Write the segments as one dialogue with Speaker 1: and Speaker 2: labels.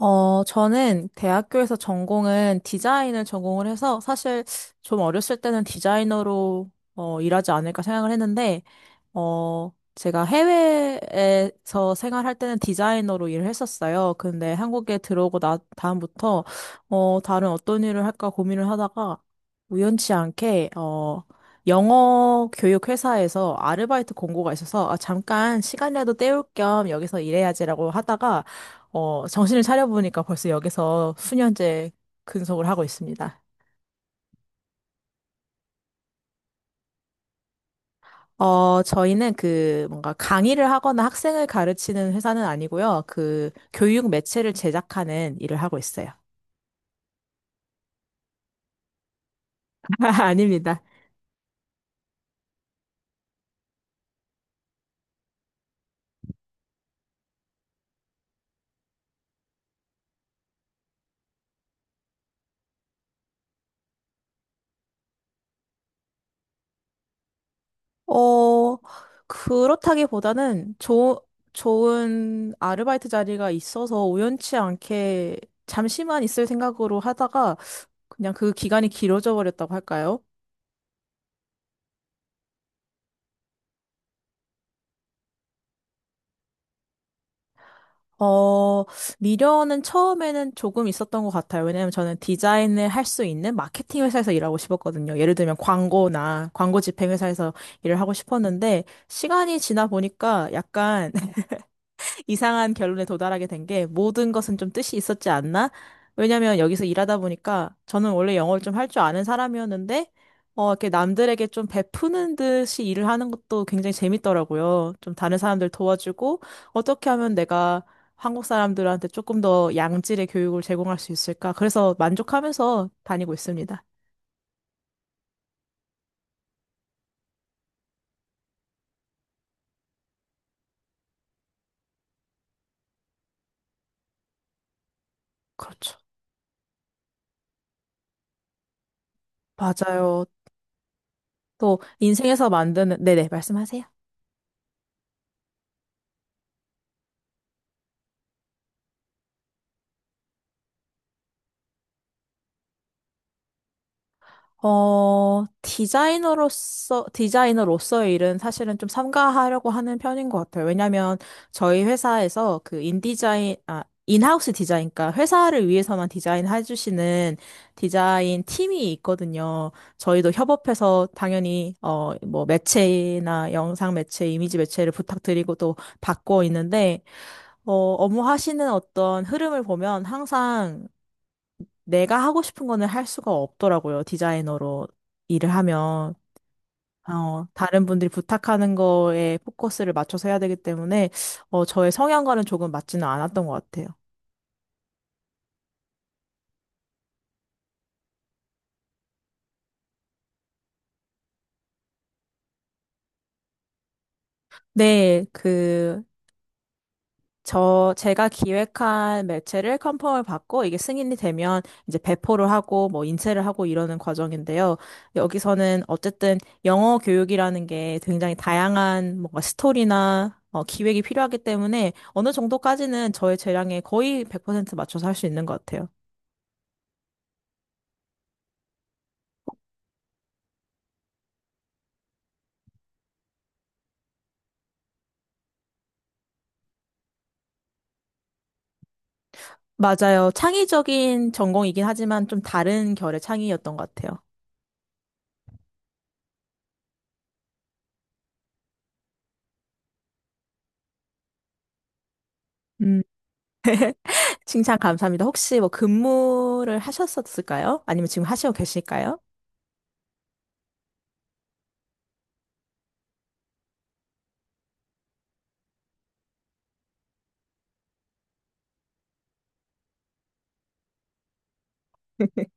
Speaker 1: 저는 대학교에서 전공은 디자인을 전공을 해서 사실 좀 어렸을 때는 디자이너로 일하지 않을까 생각을 했는데 제가 해외에서 생활할 때는 디자이너로 일을 했었어요. 근데 한국에 들어오고 다음부터, 다른 어떤 일을 할까 고민을 하다가 우연치 않게, 영어 교육 회사에서 아르바이트 공고가 있어서, 아, 잠깐 시간이라도 때울 겸 여기서 일해야지라고 하다가, 정신을 차려보니까 벌써 여기서 수년째 근속을 하고 있습니다. 저희는 그 뭔가 강의를 하거나 학생을 가르치는 회사는 아니고요. 그 교육 매체를 제작하는 일을 하고 있어요. 아닙니다. 어, 그렇다기보다는 좋은 아르바이트 자리가 있어서 우연치 않게 잠시만 있을 생각으로 하다가 그냥 그 기간이 길어져 버렸다고 할까요? 어, 미련은 처음에는 조금 있었던 것 같아요. 왜냐면 저는 디자인을 할 수 있는 마케팅 회사에서 일하고 싶었거든요. 예를 들면 광고나 광고 집행 회사에서 일을 하고 싶었는데 시간이 지나 보니까 약간 이상한 결론에 도달하게 된 게 모든 것은 좀 뜻이 있었지 않나? 왜냐면 여기서 일하다 보니까 저는 원래 영어를 좀 할 줄 아는 사람이었는데 이렇게 남들에게 좀 베푸는 듯이 일을 하는 것도 굉장히 재밌더라고요. 좀 다른 사람들 도와주고 어떻게 하면 내가 한국 사람들한테 조금 더 양질의 교육을 제공할 수 있을까? 그래서 만족하면서 다니고 있습니다. 그렇죠. 맞아요. 또 인생에서 만드는 네네 말씀하세요. 디자이너로서의 일은 사실은 좀 삼가하려고 하는 편인 것 같아요. 왜냐면 저희 회사에서 인하우스 디자인, 그러니까 회사를 위해서만 디자인해 주시는 디자인 팀이 있거든요. 저희도 협업해서 당연히, 뭐 매체나 영상 매체, 이미지 매체를 부탁드리고 또 받고 있는데, 어, 업무 하시는 어떤 흐름을 보면 항상 내가 하고 싶은 거는 할 수가 없더라고요. 디자이너로 일을 하면. 다른 분들이 부탁하는 거에 포커스를 맞춰서 해야 되기 때문에, 저의 성향과는 조금 맞지는 않았던 것 같아요. 네, 그, 제가 기획한 매체를 컨펌을 받고 이게 승인이 되면 이제 배포를 하고 뭐 인쇄를 하고 이러는 과정인데요. 여기서는 어쨌든 영어 교육이라는 게 굉장히 다양한 뭔가 스토리나 기획이 필요하기 때문에 어느 정도까지는 저의 재량에 거의 100% 맞춰서 할 수 있는 것 같아요. 맞아요. 창의적인 전공이긴 하지만 좀 다른 결의 창의였던 것 같아요. 음, 칭찬 감사합니다. 혹시 뭐 근무를 하셨었을까요? 아니면 지금 하시고 계실까요?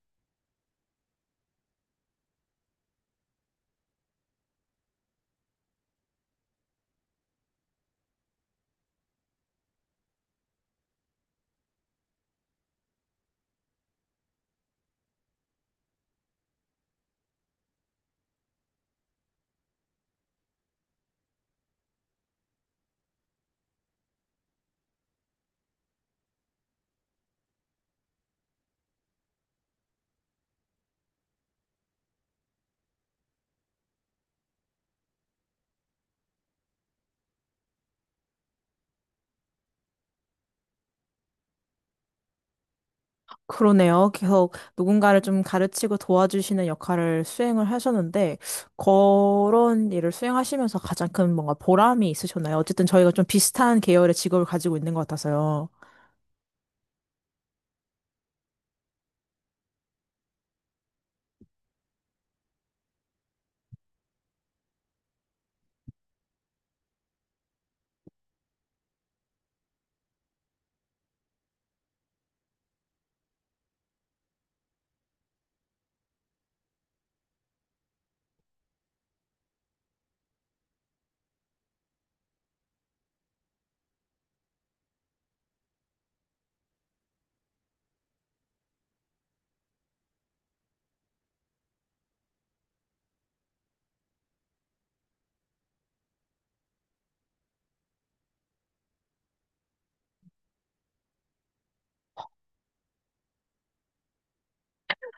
Speaker 1: 그러네요. 계속 누군가를 좀 가르치고 도와주시는 역할을 수행을 하셨는데, 그런 일을 수행하시면서 가장 큰 뭔가 보람이 있으셨나요? 어쨌든 저희가 좀 비슷한 계열의 직업을 가지고 있는 것 같아서요.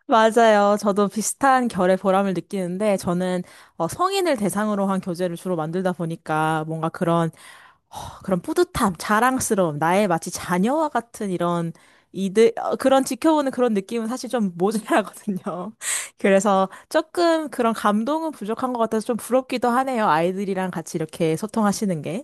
Speaker 1: 맞아요. 저도 비슷한 결의 보람을 느끼는데 저는 성인을 대상으로 한 교재를 주로 만들다 보니까 뭔가 그런 어, 그런 뿌듯함, 자랑스러움, 나의 마치 자녀와 같은 이런 이들 그런 지켜보는 그런 느낌은 사실 좀 모자라거든요. 그래서 조금 그런 감동은 부족한 것 같아서 좀 부럽기도 하네요. 아이들이랑 같이 이렇게 소통하시는 게.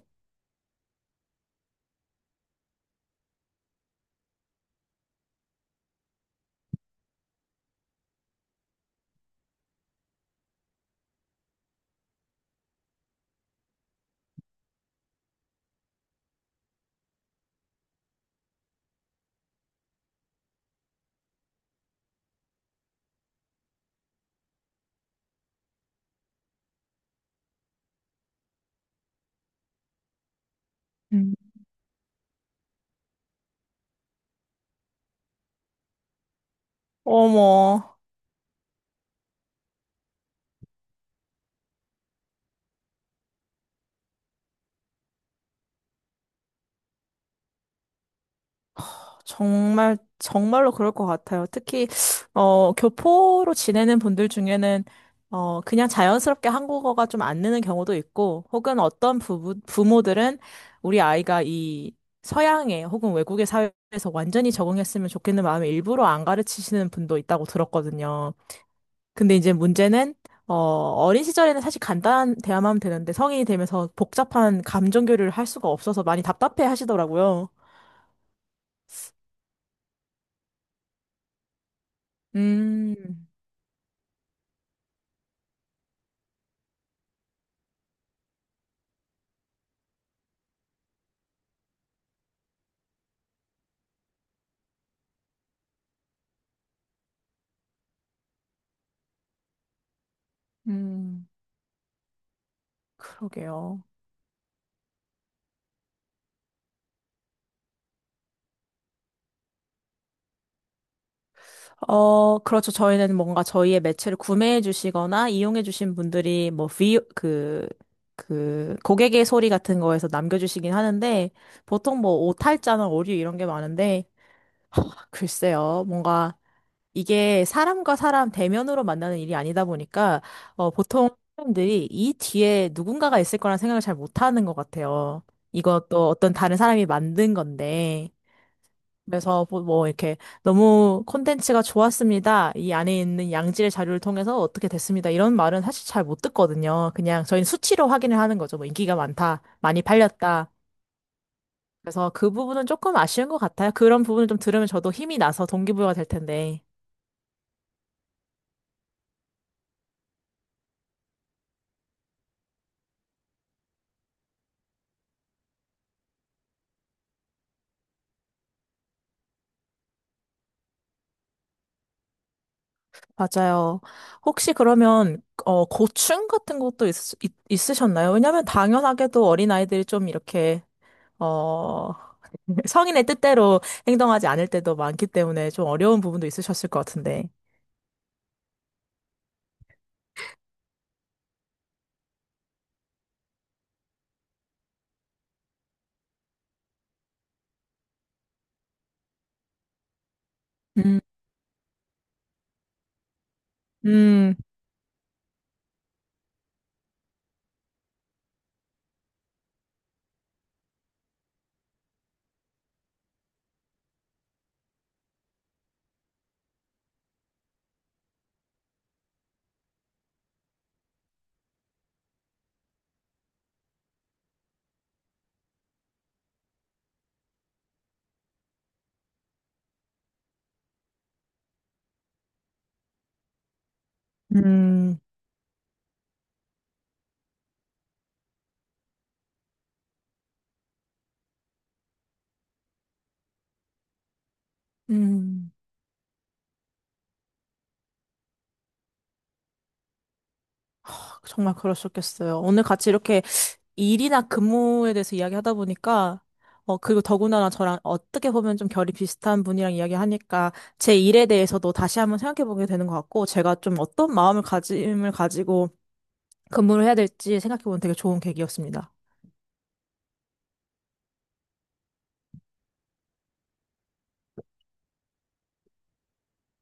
Speaker 1: 음. 어머. 정말, 정말로 그럴 것 같아요. 특히, 교포로 지내는 분들 중에는, 그냥 자연스럽게 한국어가 좀 안 느는 경우도 있고, 혹은 어떤 부모들은 우리 아이가 이 서양의 혹은 외국의 사회에서 완전히 적응했으면 좋겠는 마음에 일부러 안 가르치시는 분도 있다고 들었거든요. 근데 이제 문제는, 어린 시절에는 사실 간단한 대화만 하면 되는데, 성인이 되면서 복잡한 감정 교류를 할 수가 없어서 많이 답답해 하시더라고요. 음, 음. 그러게요. 그렇죠. 저희는 뭔가 저희의 매체를 구매해 주시거나 이용해 주신 분들이 고객의 소리 같은 거에서 남겨주시긴 하는데, 보통 뭐, 오탈자나 오류 이런 게 많은데, 글쎄요. 뭔가 이게 사람과 사람 대면으로 만나는 일이 아니다 보니까, 보통 사람들이 이 뒤에 누군가가 있을 거란 생각을 잘 못하는 것 같아요. 이것도 어떤 다른 사람이 만든 건데, 그래서 뭐 이렇게 너무 콘텐츠가 좋았습니다. 이 안에 있는 양질의 자료를 통해서 어떻게 됐습니다. 이런 말은 사실 잘 못 듣거든요. 그냥 저희는 수치로 확인을 하는 거죠. 뭐 인기가 많다, 많이 팔렸다. 그래서 그 부분은 조금 아쉬운 것 같아요. 그런 부분을 좀 들으면 저도 힘이 나서 동기부여가 될 텐데. 맞아요. 혹시 그러면 고충 같은 것도 있으셨나요? 왜냐하면 당연하게도 어린아이들이 좀 이렇게 어, 성인의 뜻대로 행동하지 않을 때도 많기 때문에 좀 어려운 부분도 있으셨을 것 같은데. 음, 음, 음, 음. 정말 그러셨겠어요. 오늘 같이 이렇게 일이나 근무에 대해서 이야기하다 보니까, 그리고 더군다나 저랑 어떻게 보면 좀 결이 비슷한 분이랑 이야기하니까 제 일에 대해서도 다시 한번 생각해보게 되는 것 같고, 제가 좀 어떤 마음을 가짐을 가지고 근무를 해야 될지 생각해보는 되게 좋은 계기였습니다.